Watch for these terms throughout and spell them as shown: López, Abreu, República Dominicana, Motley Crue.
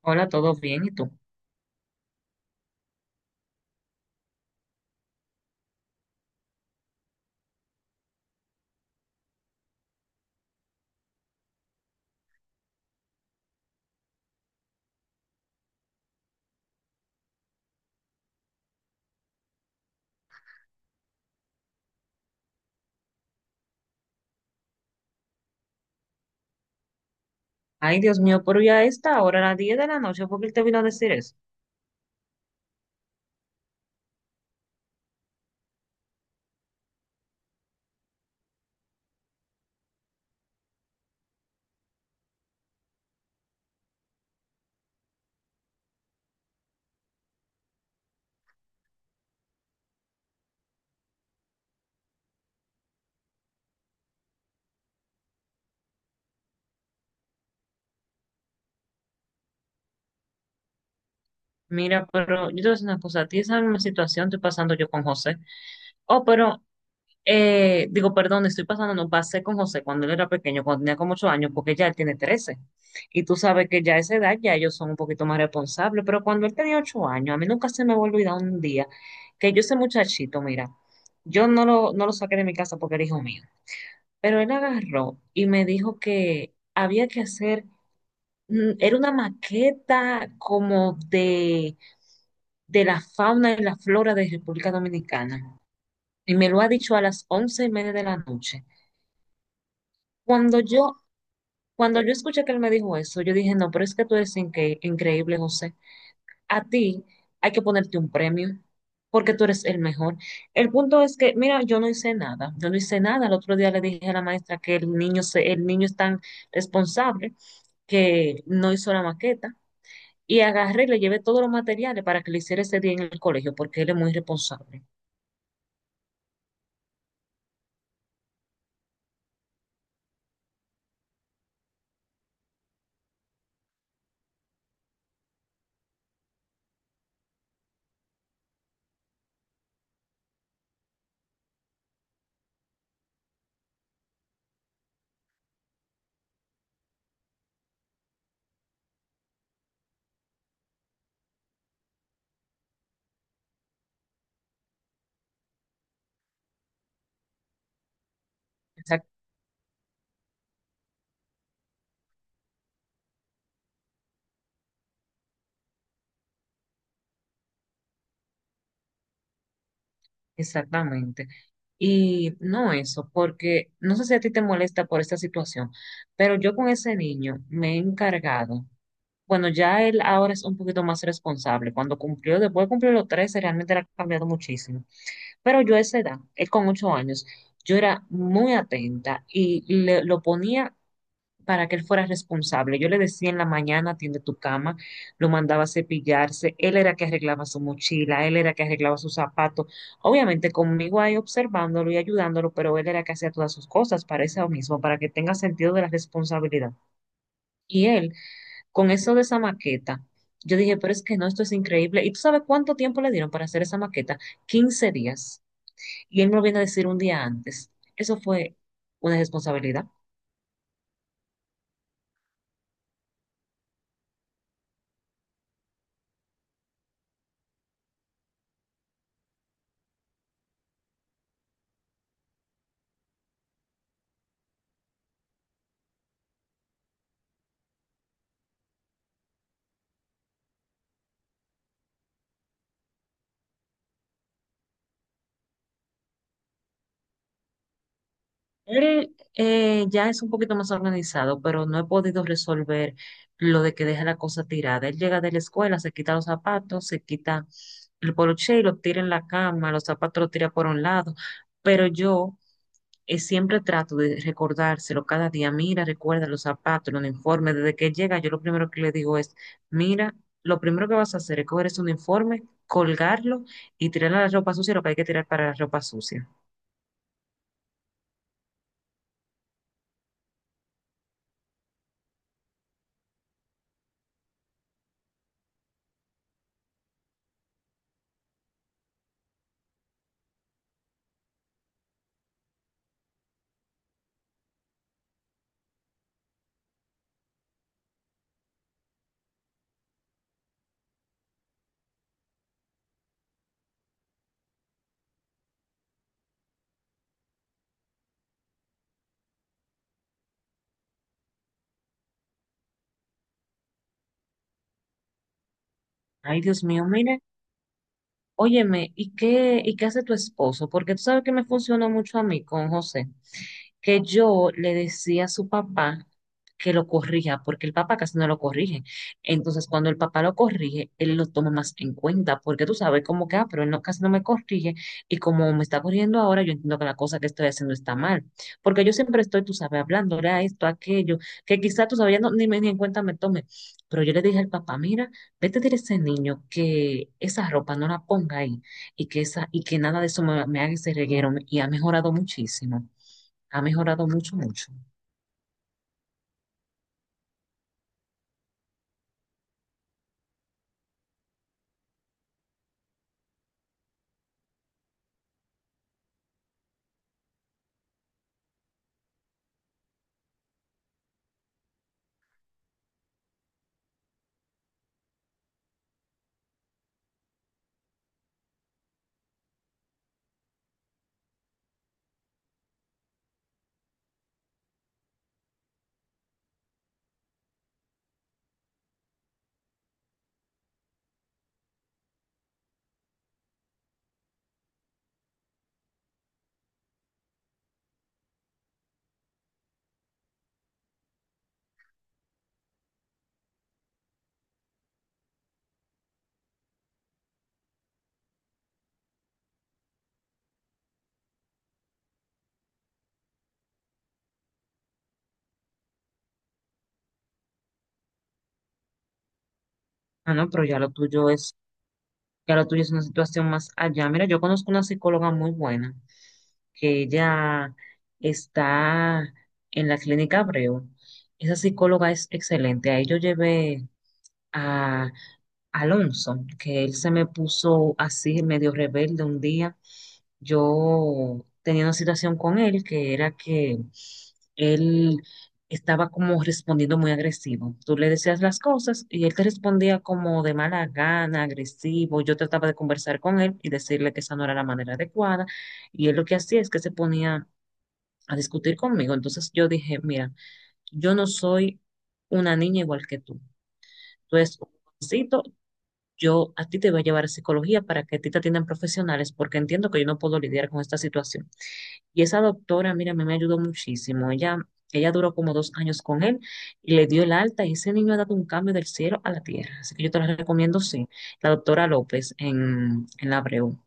Hola, ¿todo bien? ¿Y tú? Ay, Dios mío, pero ya está, ahora a las 10 de la noche, ¿por qué él te vino a decir eso? Mira, pero yo te voy a decir una cosa, a ti esa misma situación estoy pasando yo con José. Oh, pero, digo, perdón, estoy pasando, no pasé con José cuando él era pequeño, cuando tenía como 8 años, porque ya él tiene 13. Y tú sabes que ya a esa edad ya ellos son un poquito más responsables, pero cuando él tenía 8 años, a mí nunca se me va a olvidar un día que yo ese muchachito, mira, yo no lo saqué de mi casa porque era hijo mío. Pero él agarró y me dijo que había que hacer, era una maqueta como de la fauna y la flora de República Dominicana. Y me lo ha dicho a las 11:30 de la noche. Cuando yo, cuando yo escuché que él me dijo eso, yo dije, no, pero es que tú eres increíble, José. A ti hay que ponerte un premio porque tú eres el mejor. El punto es que, mira, yo no hice nada, yo no hice nada. El otro día le dije a la maestra que el niño es tan responsable que no hizo la maqueta y agarré y le llevé todos los materiales para que le hiciera ese día en el colegio porque él es muy responsable. Exactamente. Y no eso, porque no sé si a ti te molesta por esta situación, pero yo con ese niño me he encargado. Bueno, ya él ahora es un poquito más responsable. Cuando cumplió, después de cumplir los 13, realmente le ha cambiado muchísimo. Pero yo a esa edad, él con 8 años, yo era muy atenta y lo ponía para que él fuera responsable. Yo le decía en la mañana, atiende tu cama, lo mandaba a cepillarse, él era que arreglaba su mochila, él era que arreglaba sus zapatos, obviamente conmigo ahí observándolo y ayudándolo, pero él era que hacía todas sus cosas para eso mismo, para que tenga sentido de la responsabilidad. Y él, con eso de esa maqueta, yo dije, pero es que no, esto es increíble. ¿Y tú sabes cuánto tiempo le dieron para hacer esa maqueta? 15 días. Y él me lo viene a decir un día antes. Eso fue una responsabilidad. Él ya es un poquito más organizado, pero no he podido resolver lo de que deja la cosa tirada. Él llega de la escuela, se quita los zapatos, se quita el poloche y lo tira en la cama, los zapatos los tira por un lado. Pero yo siempre trato de recordárselo cada día. Mira, recuerda los zapatos, el uniforme. Desde que llega, yo lo primero que le digo es, mira, lo primero que vas a hacer es coger ese uniforme, colgarlo y tirar la ropa sucia, lo que hay que tirar para la ropa sucia. Ay, Dios mío, mira. Óyeme, ¿y qué hace tu esposo? Porque tú sabes que me funcionó mucho a mí con José que yo le decía a su papá que lo corrija, porque el papá casi no lo corrige. Entonces, cuando el papá lo corrige, él lo toma más en cuenta, porque tú sabes como que, ah, pero él no, casi no me corrige, y como me está corrigiendo ahora, yo entiendo que la cosa que estoy haciendo está mal, porque yo siempre estoy, tú sabes, hablándole a esto, a aquello, que quizá tú sabes, ya ni, ni en cuenta me tome, pero yo le dije al papá, mira, vete a decir a ese niño que esa ropa no la ponga ahí, y que nada de eso me haga ese reguero, y ha mejorado muchísimo. Ha mejorado mucho, mucho. Ah, no, pero ya lo tuyo es una situación más allá. Mira, yo conozco una psicóloga muy buena, que ella está en la clínica Abreu. Esa psicóloga es excelente. Ahí yo llevé a Alonso, que él se me puso así medio rebelde un día. Yo tenía una situación con él que era que él estaba como respondiendo muy agresivo. Tú le decías las cosas y él te respondía como de mala gana, agresivo. Yo trataba de conversar con él y decirle que esa no era la manera adecuada y él lo que hacía es que se ponía a discutir conmigo. Entonces yo dije, mira, yo no soy una niña igual que tú. Tú eres un jovencito, yo a ti te voy a llevar a psicología para que a ti te atiendan profesionales porque entiendo que yo no puedo lidiar con esta situación. Y esa doctora, mira, a mí me ayudó muchísimo. Ella duró como 2 años con él y le dio el alta y ese niño ha dado un cambio del cielo a la tierra. Así que yo te la recomiendo, sí. La doctora López en la Abreu.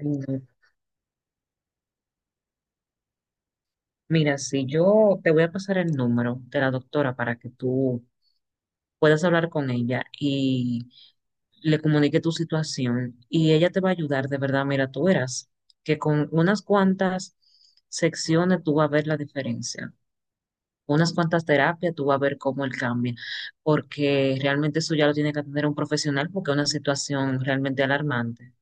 Mm, Mira, si yo te voy a pasar el número de la doctora para que tú puedas hablar con ella y le comunique tu situación y ella te va a ayudar, de verdad, mira, tú verás que con unas cuantas secciones tú vas a ver la diferencia. Unas cuantas terapias, tú vas a ver cómo él cambia, porque realmente eso ya lo tiene que atender un profesional porque es una situación realmente alarmante.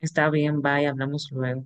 Está bien, bye, hablamos luego.